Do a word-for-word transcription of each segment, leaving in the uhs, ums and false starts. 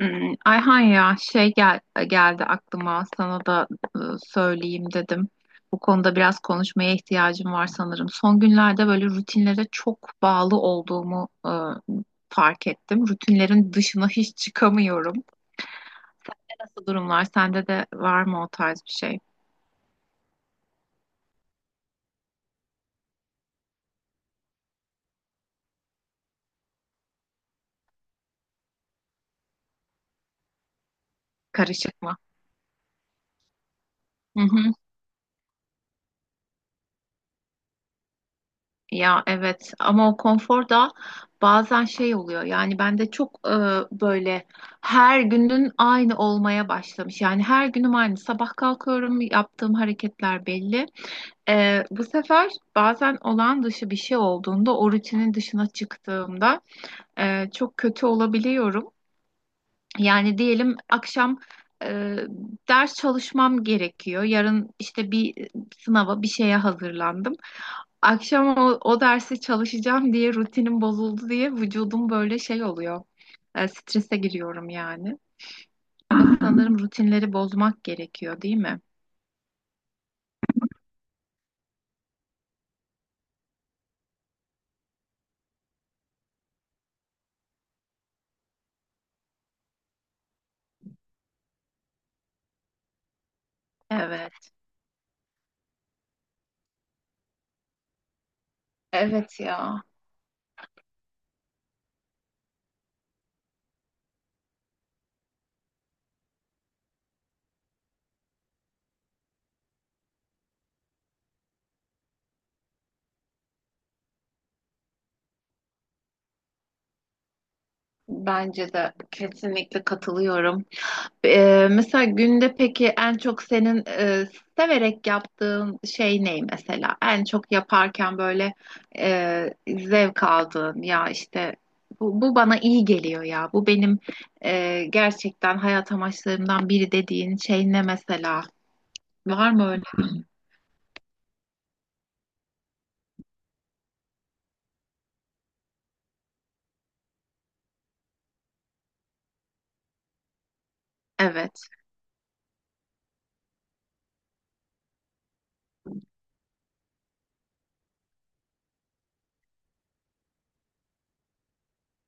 Hmm, Ayhan ya şey gel geldi aklıma, sana da e, söyleyeyim dedim. Bu konuda biraz konuşmaya ihtiyacım var sanırım. Son günlerde böyle rutinlere çok bağlı olduğumu e, fark ettim. Rutinlerin dışına hiç çıkamıyorum. Nasıl durumlar? Sende de var mı o tarz bir şey? Karışık mı? Ya evet, ama o konfor da bazen şey oluyor, yani bende çok e, böyle her günün aynı olmaya başlamış, yani her günüm aynı, sabah kalkıyorum, yaptığım hareketler belli. E, bu sefer bazen olağan dışı bir şey olduğunda, o rutinin dışına çıktığımda e, çok kötü olabiliyorum, yani diyelim akşam e, ders çalışmam gerekiyor. Yarın işte bir sınava, bir şeye hazırlandım. Akşam o, o dersi çalışacağım diye rutinim bozuldu diye vücudum böyle şey oluyor. E, strese giriyorum yani. Ama sanırım rutinleri bozmak gerekiyor, değil mi? Evet. Evet ya. Bence de kesinlikle katılıyorum. Ee, mesela günde peki en çok senin e, severek yaptığın şey ne mesela? En çok yaparken böyle e, zevk aldığın, ya işte bu, bu bana iyi geliyor ya. Bu benim e, gerçekten hayat amaçlarımdan biri dediğin şey ne mesela? Var mı öyle? Evet.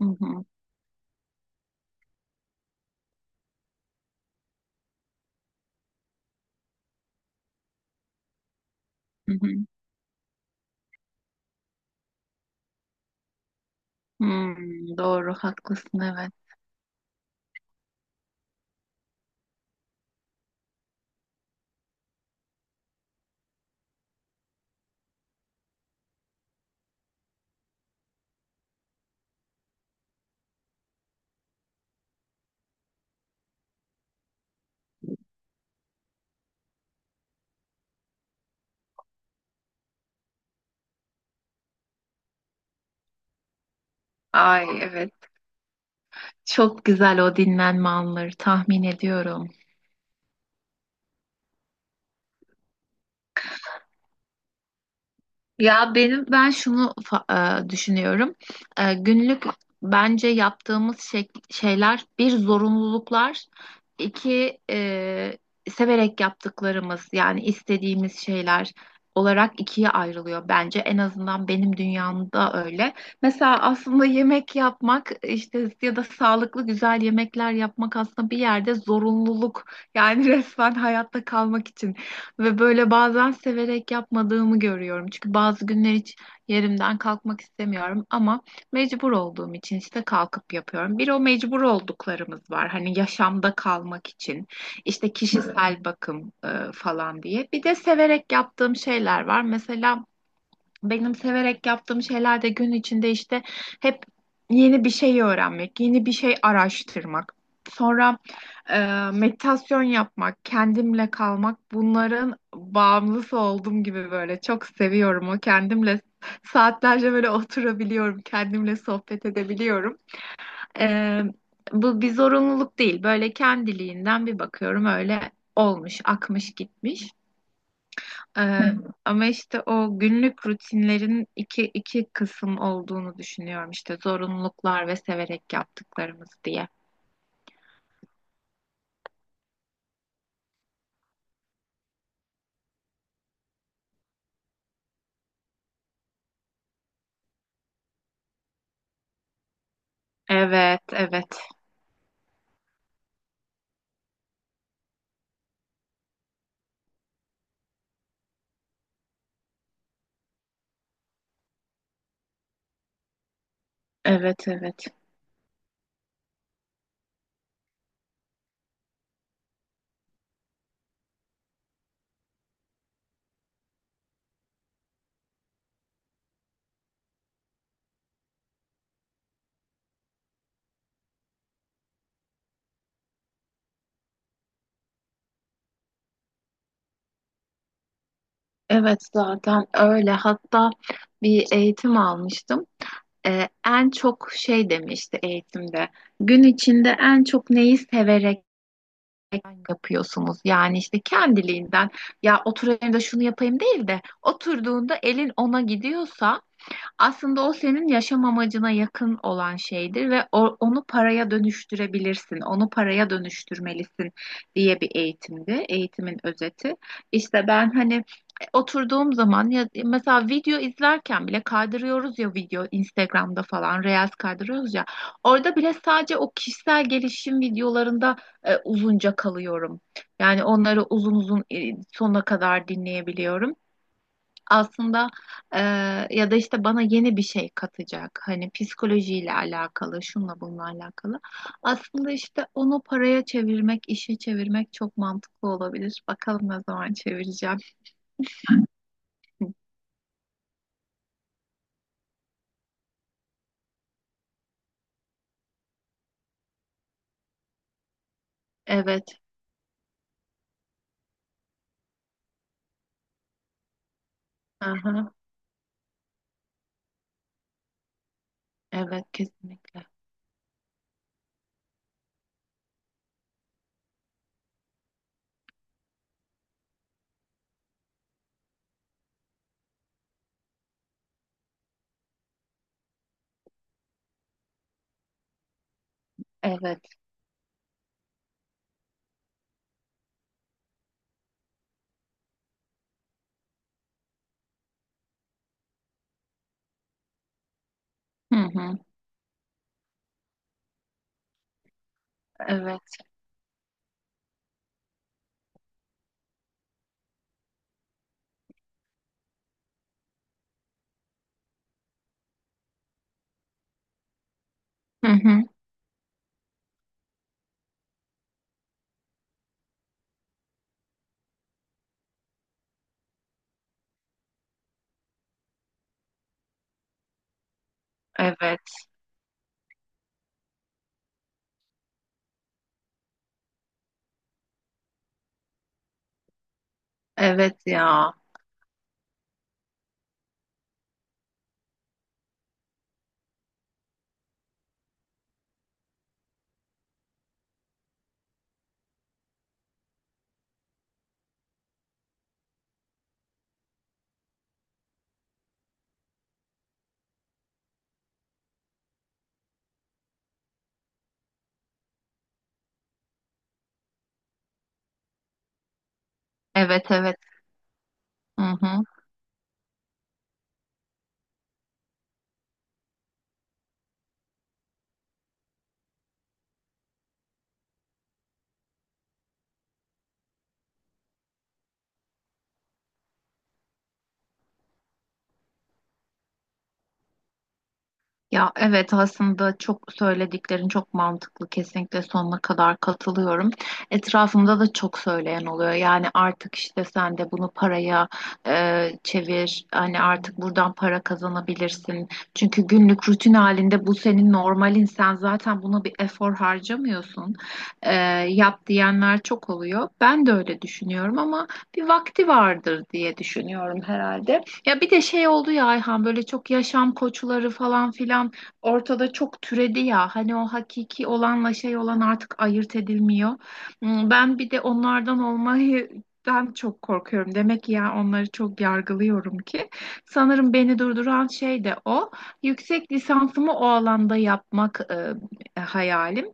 Hı hı, hı hı. Hmm, doğru haklısın, evet. Ay evet. Çok güzel o dinlenme anları, tahmin ediyorum. Ya benim, ben şunu fa- e, düşünüyorum. E, günlük bence yaptığımız şey, şeyler bir zorunluluklar, iki e, severek yaptıklarımız, yani istediğimiz şeyler olarak ikiye ayrılıyor bence. En azından benim dünyamda öyle. Mesela aslında yemek yapmak işte, ya da sağlıklı güzel yemekler yapmak aslında bir yerde zorunluluk. Yani resmen hayatta kalmak için. Ve böyle bazen severek yapmadığımı görüyorum. Çünkü bazı günler hiç yerimden kalkmak istemiyorum ama mecbur olduğum için işte kalkıp yapıyorum. Bir o mecbur olduklarımız var. Hani yaşamda kalmak için işte kişisel bakım e, falan diye. Bir de severek yaptığım şeyler var. Mesela benim severek yaptığım şeyler de gün içinde işte hep yeni bir şey öğrenmek, yeni bir şey araştırmak. Sonra e, meditasyon yapmak, kendimle kalmak, bunların bağımlısı olduğum gibi böyle çok seviyorum. O kendimle saatlerce böyle oturabiliyorum, kendimle sohbet edebiliyorum. E, bu bir zorunluluk değil. Böyle kendiliğinden bir bakıyorum, öyle olmuş, akmış gitmiş. Hı. Ee, Hı. Ama işte o günlük rutinlerin iki, iki kısım olduğunu düşünüyorum, işte zorunluluklar ve severek yaptıklarımız diye. Evet, evet, evet, evet. Evet, zaten öyle. Hatta bir eğitim almıştım. Ee, en çok şey demişti eğitimde. Gün içinde en çok neyi severek yapıyorsunuz? Yani işte kendiliğinden, ya oturayım da şunu yapayım değil de, oturduğunda elin ona gidiyorsa aslında o senin yaşam amacına yakın olan şeydir ve o- onu paraya dönüştürebilirsin, onu paraya dönüştürmelisin, diye bir eğitimdi, eğitimin özeti. İşte ben hani e, oturduğum zaman, ya mesela video izlerken bile kaydırıyoruz ya, video Instagram'da falan Reels kaydırıyoruz ya, orada bile sadece o kişisel gelişim videolarında e, uzunca kalıyorum. Yani onları uzun uzun e, sonuna kadar dinleyebiliyorum aslında, e, ya da işte bana yeni bir şey katacak. Hani psikolojiyle alakalı, şunla bununla alakalı. Aslında işte onu paraya çevirmek, işe çevirmek çok mantıklı olabilir. Bakalım ne zaman çevireceğim. Evet. Aha. Evet, kesinlikle. Evet. Hı hı. Evet. Hı hı. Evet. Evet ya. Evet, evet. Hı hı. Ya evet, aslında çok söylediklerin çok mantıklı, kesinlikle sonuna kadar katılıyorum. Etrafımda da çok söyleyen oluyor. Yani artık işte, sen de bunu paraya e, çevir. Hani artık buradan para kazanabilirsin. Çünkü günlük rutin halinde bu senin normalin. Sen zaten buna bir efor harcamıyorsun. E, yap diyenler çok oluyor. Ben de öyle düşünüyorum ama bir vakti vardır diye düşünüyorum herhalde. Ya bir de şey oldu ya Ayhan, böyle çok yaşam koçları falan filan ortada çok türedi ya. Hani o hakiki olanla şey olan artık ayırt edilmiyor. Hmm, Ben bir de onlardan olmayı ben çok korkuyorum. Demek ki ya onları çok yargılıyorum ki. Sanırım beni durduran şey de o. Yüksek lisansımı o alanda yapmak e, hayalim.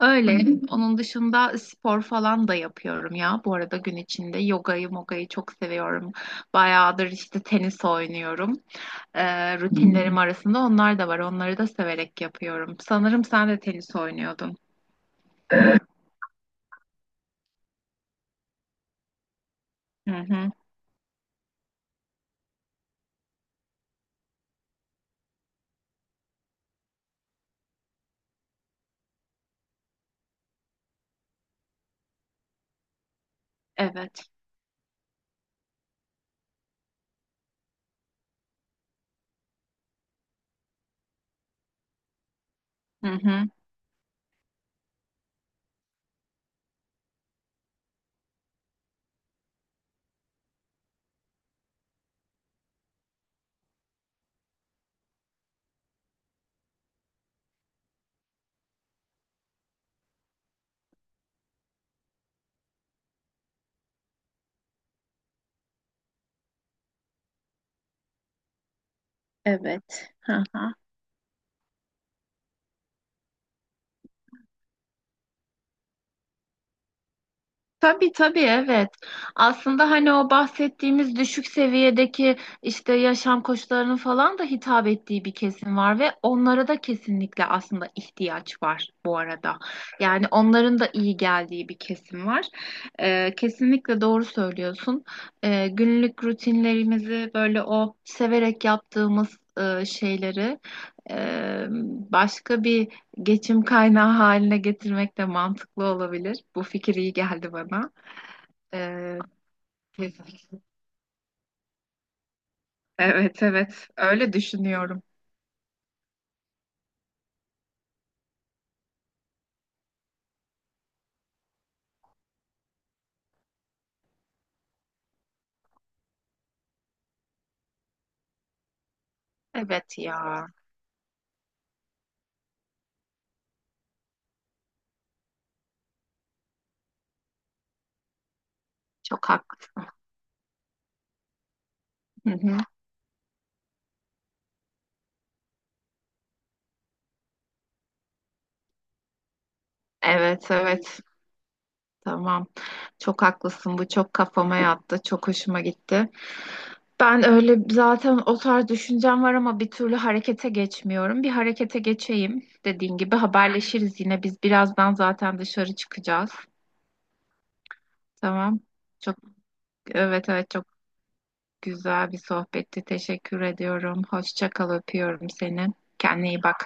Öyle. Onun dışında spor falan da yapıyorum ya. Bu arada gün içinde yogayı, mogayı çok seviyorum. Bayağıdır işte tenis oynuyorum. Ee, rutinlerim arasında onlar da var. Onları da severek yapıyorum. Sanırım sen de tenis oynuyordun. Hı hı. Evet. Hı hı. Evet. Hı hı. Tabii tabii, evet. Aslında hani o bahsettiğimiz düşük seviyedeki işte yaşam koşullarının falan da hitap ettiği bir kesim var, ve onlara da kesinlikle aslında ihtiyaç var bu arada. Yani onların da iyi geldiği bir kesim var. Ee, kesinlikle doğru söylüyorsun. Ee, günlük rutinlerimizi böyle o severek yaptığımız e, şeyleri e, başka bir geçim kaynağı haline getirmek de mantıklı olabilir. Bu fikir iyi geldi bana. Ee, evet, evet öyle düşünüyorum. Evet ya, çok haklısın. Hı hı. Evet, evet, tamam, çok haklısın, bu çok kafama yattı, çok hoşuma gitti. Ben öyle zaten, o tarz düşüncem var ama bir türlü harekete geçmiyorum. Bir harekete geçeyim, dediğin gibi haberleşiriz, yine biz birazdan zaten dışarı çıkacağız. Tamam. Çok, evet, evet, çok. Güzel bir sohbetti. Teşekkür ediyorum. Hoşça kal, öpüyorum seni. Kendine iyi bak.